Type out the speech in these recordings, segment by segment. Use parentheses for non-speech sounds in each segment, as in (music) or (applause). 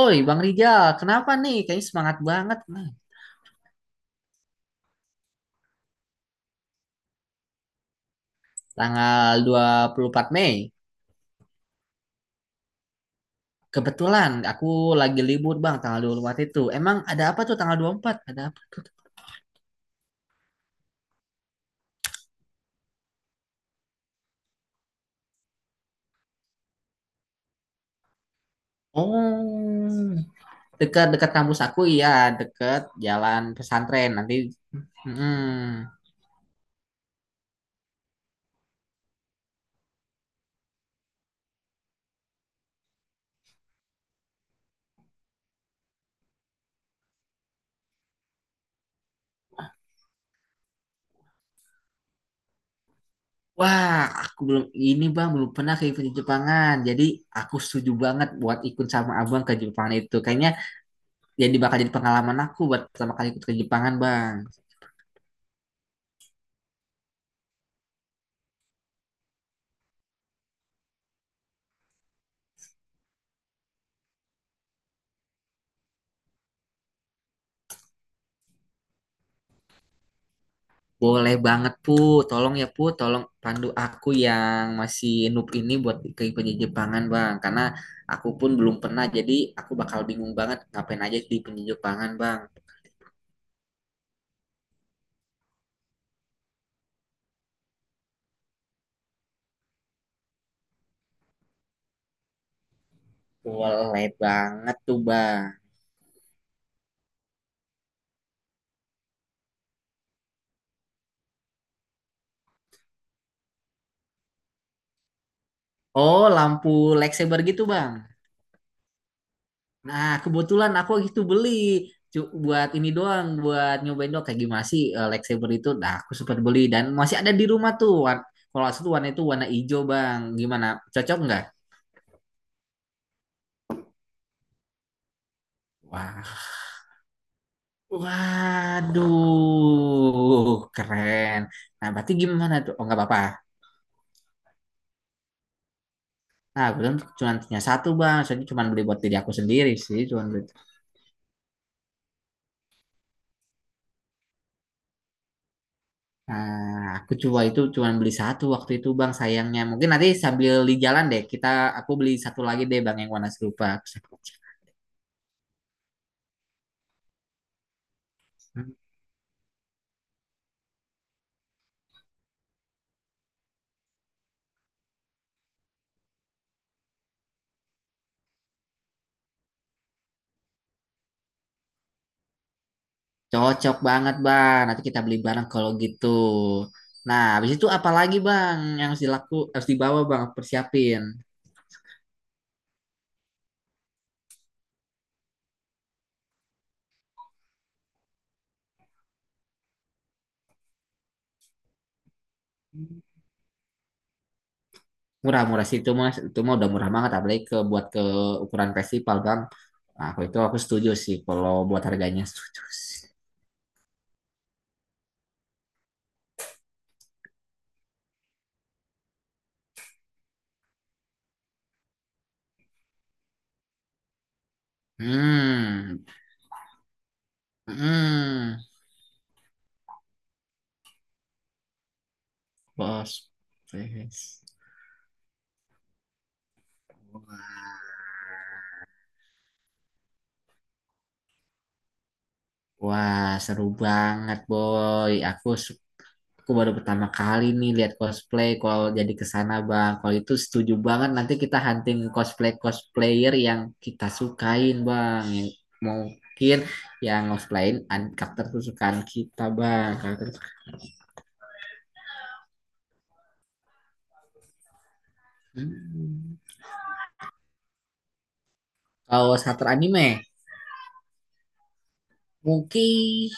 Oi, Bang Rijal, kenapa nih? Kayaknya semangat banget. Nah, tanggal 24 Mei. Kebetulan aku lagi libur, Bang, tanggal 24 itu. Emang ada apa tuh tanggal 24? Ada apa tuh? Oh, dekat-dekat kampus aku, iya. Dekat jalan pesantren. Nanti, mm. Wah, aku belum, ini Bang, belum pernah ke event di Jepangan. Jadi, aku setuju banget buat ikut sama Abang ke Jepang itu. Kayaknya bakal jadi pengalaman aku buat pertama kali ikut ke Jepangan, Bang. Boleh banget Put, tolong ya Put, tolong pandu aku yang masih noob ini buat ke penjajah Jepangan Bang. Karena aku pun belum pernah, jadi aku bakal bingung banget ngapain aja di penjajah Jepangan Bang. Boleh banget tuh Bang. Oh, lampu lightsaber gitu Bang. Nah, kebetulan aku gitu beli. Buat ini doang, buat nyobain doang kayak gimana sih lightsaber itu. Nah, aku sempat beli dan masih ada di rumah tuh. Kalau asli warna itu warna hijau Bang. Gimana? Cocok nggak? Wah, waduh, keren. Nah, berarti gimana tuh? Oh, nggak apa-apa. Nah, kebetulan cuma punya satu, Bang. Soalnya cuma beli buat diri aku sendiri sih. Cuma. Beli. Nah, aku coba itu cuma beli satu waktu itu, Bang. Sayangnya. Mungkin nanti sambil di jalan deh, aku beli satu lagi deh, Bang, yang warna serupa. Aku sambil cek. Hmm, cocok banget, Bang. Nanti kita beli bareng kalau gitu. Nah, habis itu apa lagi, Bang, yang harus dibawa, Bang, persiapin. Murah-murah sih itu mas, itu mah udah murah banget apalagi buat ke ukuran festival bang. Nah, aku setuju sih kalau buat harganya setuju sih. Hmm, hmm, bos, please. Wah seru banget boy. Aku baru pertama kali nih lihat cosplay kalau jadi ke sana bang. Kalau itu setuju banget nanti kita hunting cosplay cosplayer yang kita sukain bang. Yang mungkin yang karakter kesukaan kita bang. Karakter hmm. Kalau shutter anime, mungkin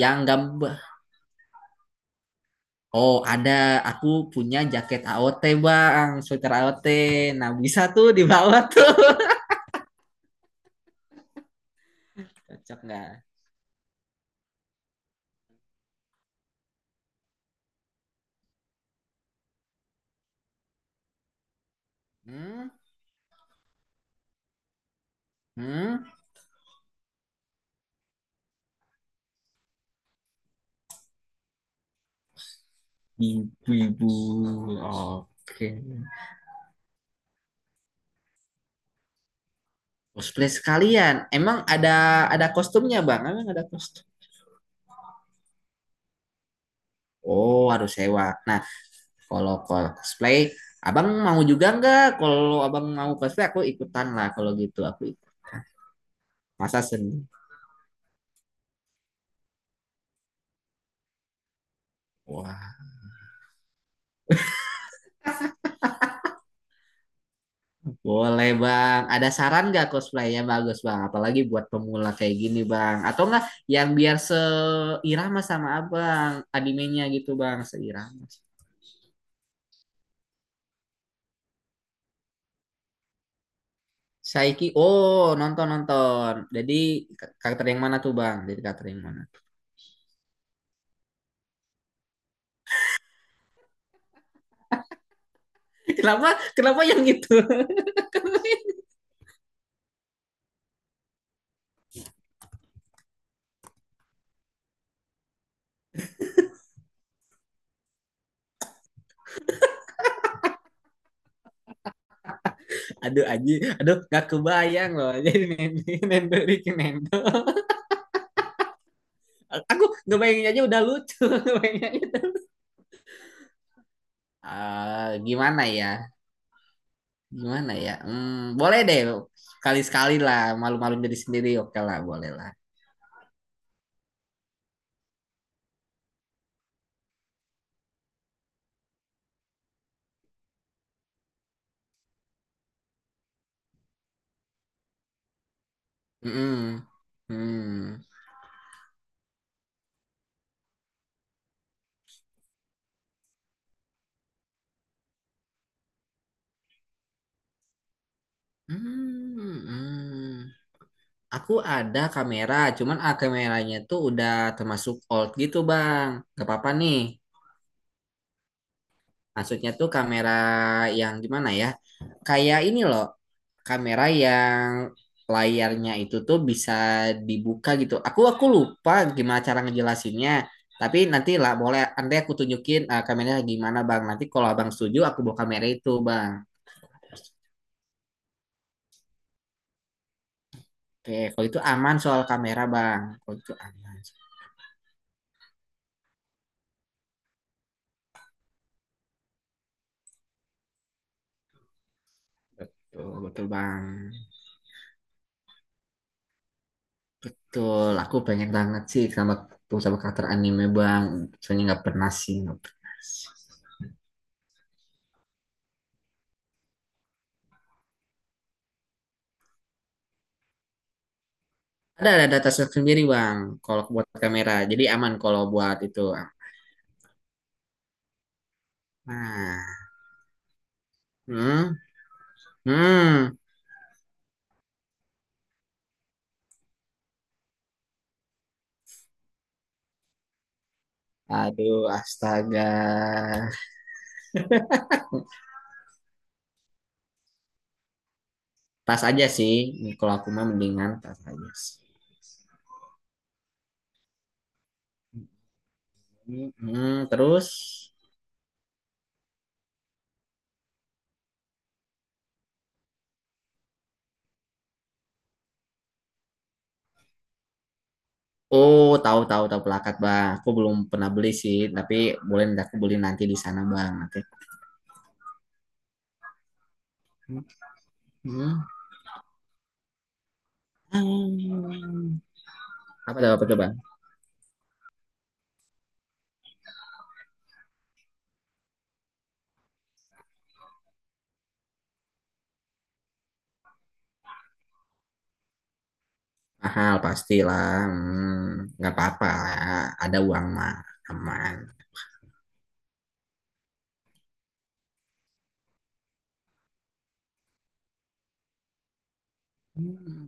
yang gambar. Oh, ada aku punya jaket AOT, Bang. Sweater AOT. Nah, bisa tuh dibawa tuh. (laughs) Cocok nggak? Hmm? Hmm? Ibu-ibu. Oke. Cosplay sekalian. Emang ada kostumnya, Bang? Emang ada kostum? Oh, harus sewa. Nah, kalau cosplay, Abang mau juga nggak? Kalau abang mau cosplay, aku ikutan lah. Kalau gitu, aku ikut. Masa sendiri? Wah, boleh bang, ada saran nggak cosplaynya bagus bang? Apalagi buat pemula kayak gini bang, atau nggak yang biar seirama sama abang animenya gitu bang, seirama. Saiki, oh nonton nonton. Jadi karakter yang mana tuh bang? Jadi karakter yang mana? (laughs) Kenapa? Kenapa yang itu? (laughs) Aduh aji, aduh nggak kebayang loh. (laughs) Jadi nendo, nendo, Ricky nendo. Aku ngebayangin aja udah lucu. (laughs) ngebayangin aja. Ah, gimana ya? Gimana ya? Hmm, boleh deh. Kali-sekali lah, malu-maluin diri sendiri. Oke lah, boleh lah. Mm-mm. Hmm. Hmm. Hmm. Aku ada kamera, cuman kameranya tuh udah termasuk old gitu, Bang. Gak apa-apa nih. Maksudnya tuh kamera yang gimana ya? Kayak ini loh, kamera yang layarnya itu tuh bisa dibuka gitu. Aku lupa gimana cara ngejelasinnya. Tapi nanti lah boleh nanti aku tunjukin kameranya gimana Bang. Nanti kalau Abang setuju aku bawa kamera itu Bang. Oke, kalau itu aman soal kamera Bang. Kalau itu aman. Betul, betul Bang. Betul, aku pengen banget sih sama sama karakter anime Bang. Soalnya nggak pernah sih, nggak pernah. Ada data set sendiri bang, kalau buat kamera. Jadi aman kalau buat itu. Nah, hmm, hmm. Aduh, astaga. Tas aja sih. Kalau aku mah mendingan tas aja sih. Hmm, hmm. terus. Oh, tahu tahu tahu pelakat bang. Aku belum pernah beli sih, tapi boleh nanti aku beli nanti di sana bang. Nanti. Hmm. Hmm. Hmm. Apa tuh bang? Mahal pastilah. Hmm. Nggak apa-apa. Ada uang mah aman. Hmm.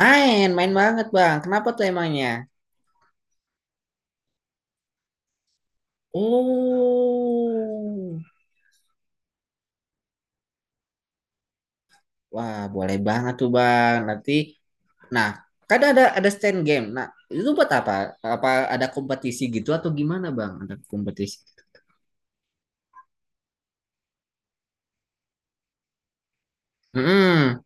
Main, main banget bang. Kenapa tuh emangnya? Oh, wah, boleh banget tuh bang. Nanti, nah, kan ada stand game. Nah, itu buat apa? Apa ada kompetisi gitu atau gimana bang? Ada kompetisi? Hmm,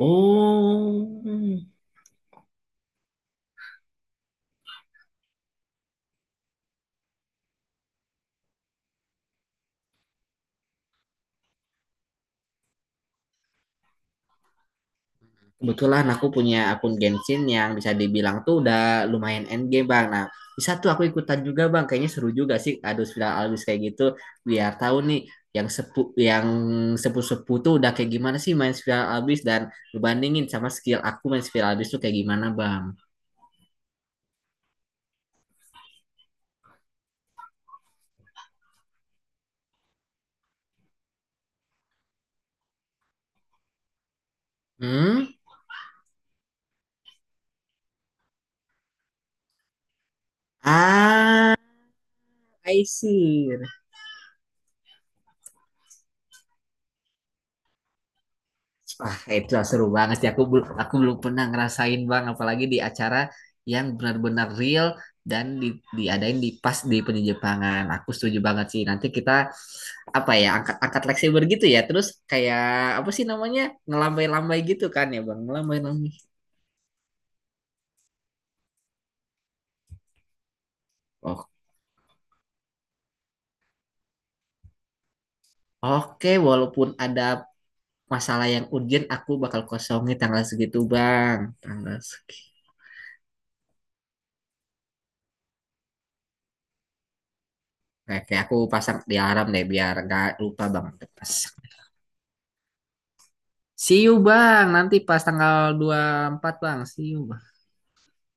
oh. Kebetulan aku punya akun Genshin yang bisa dibilang tuh udah lumayan endgame bang. Nah bisa tuh aku ikutan juga bang. Kayaknya seru juga sih ada viral albis kayak gitu. Biar tahu nih yang sepu yang sepu-sepu tuh udah kayak gimana sih main spiral albis dan ngebandingin sama skill aku main spiral albis tuh kayak gimana bang. Hmm? Ah, I see. Wah, itu seru banget sih. Aku belum pernah ngerasain bang, apalagi di acara yang benar-benar real dan diadain di pas di penjejepangan. Aku setuju banget sih. Nanti kita apa ya angkat angkat leg saber gitu ya. Terus kayak apa sih namanya ngelambai-lambai gitu kan ya bang, ngelambai-lambai. Oh, oke, walaupun ada masalah yang urgent, aku bakal kosongin tanggal segitu bang. Tanggal segitu. Oke, aku pasang di alarm deh biar gak lupa bang. Pas. See you bang, nanti pas tanggal 24 bang, see you bang.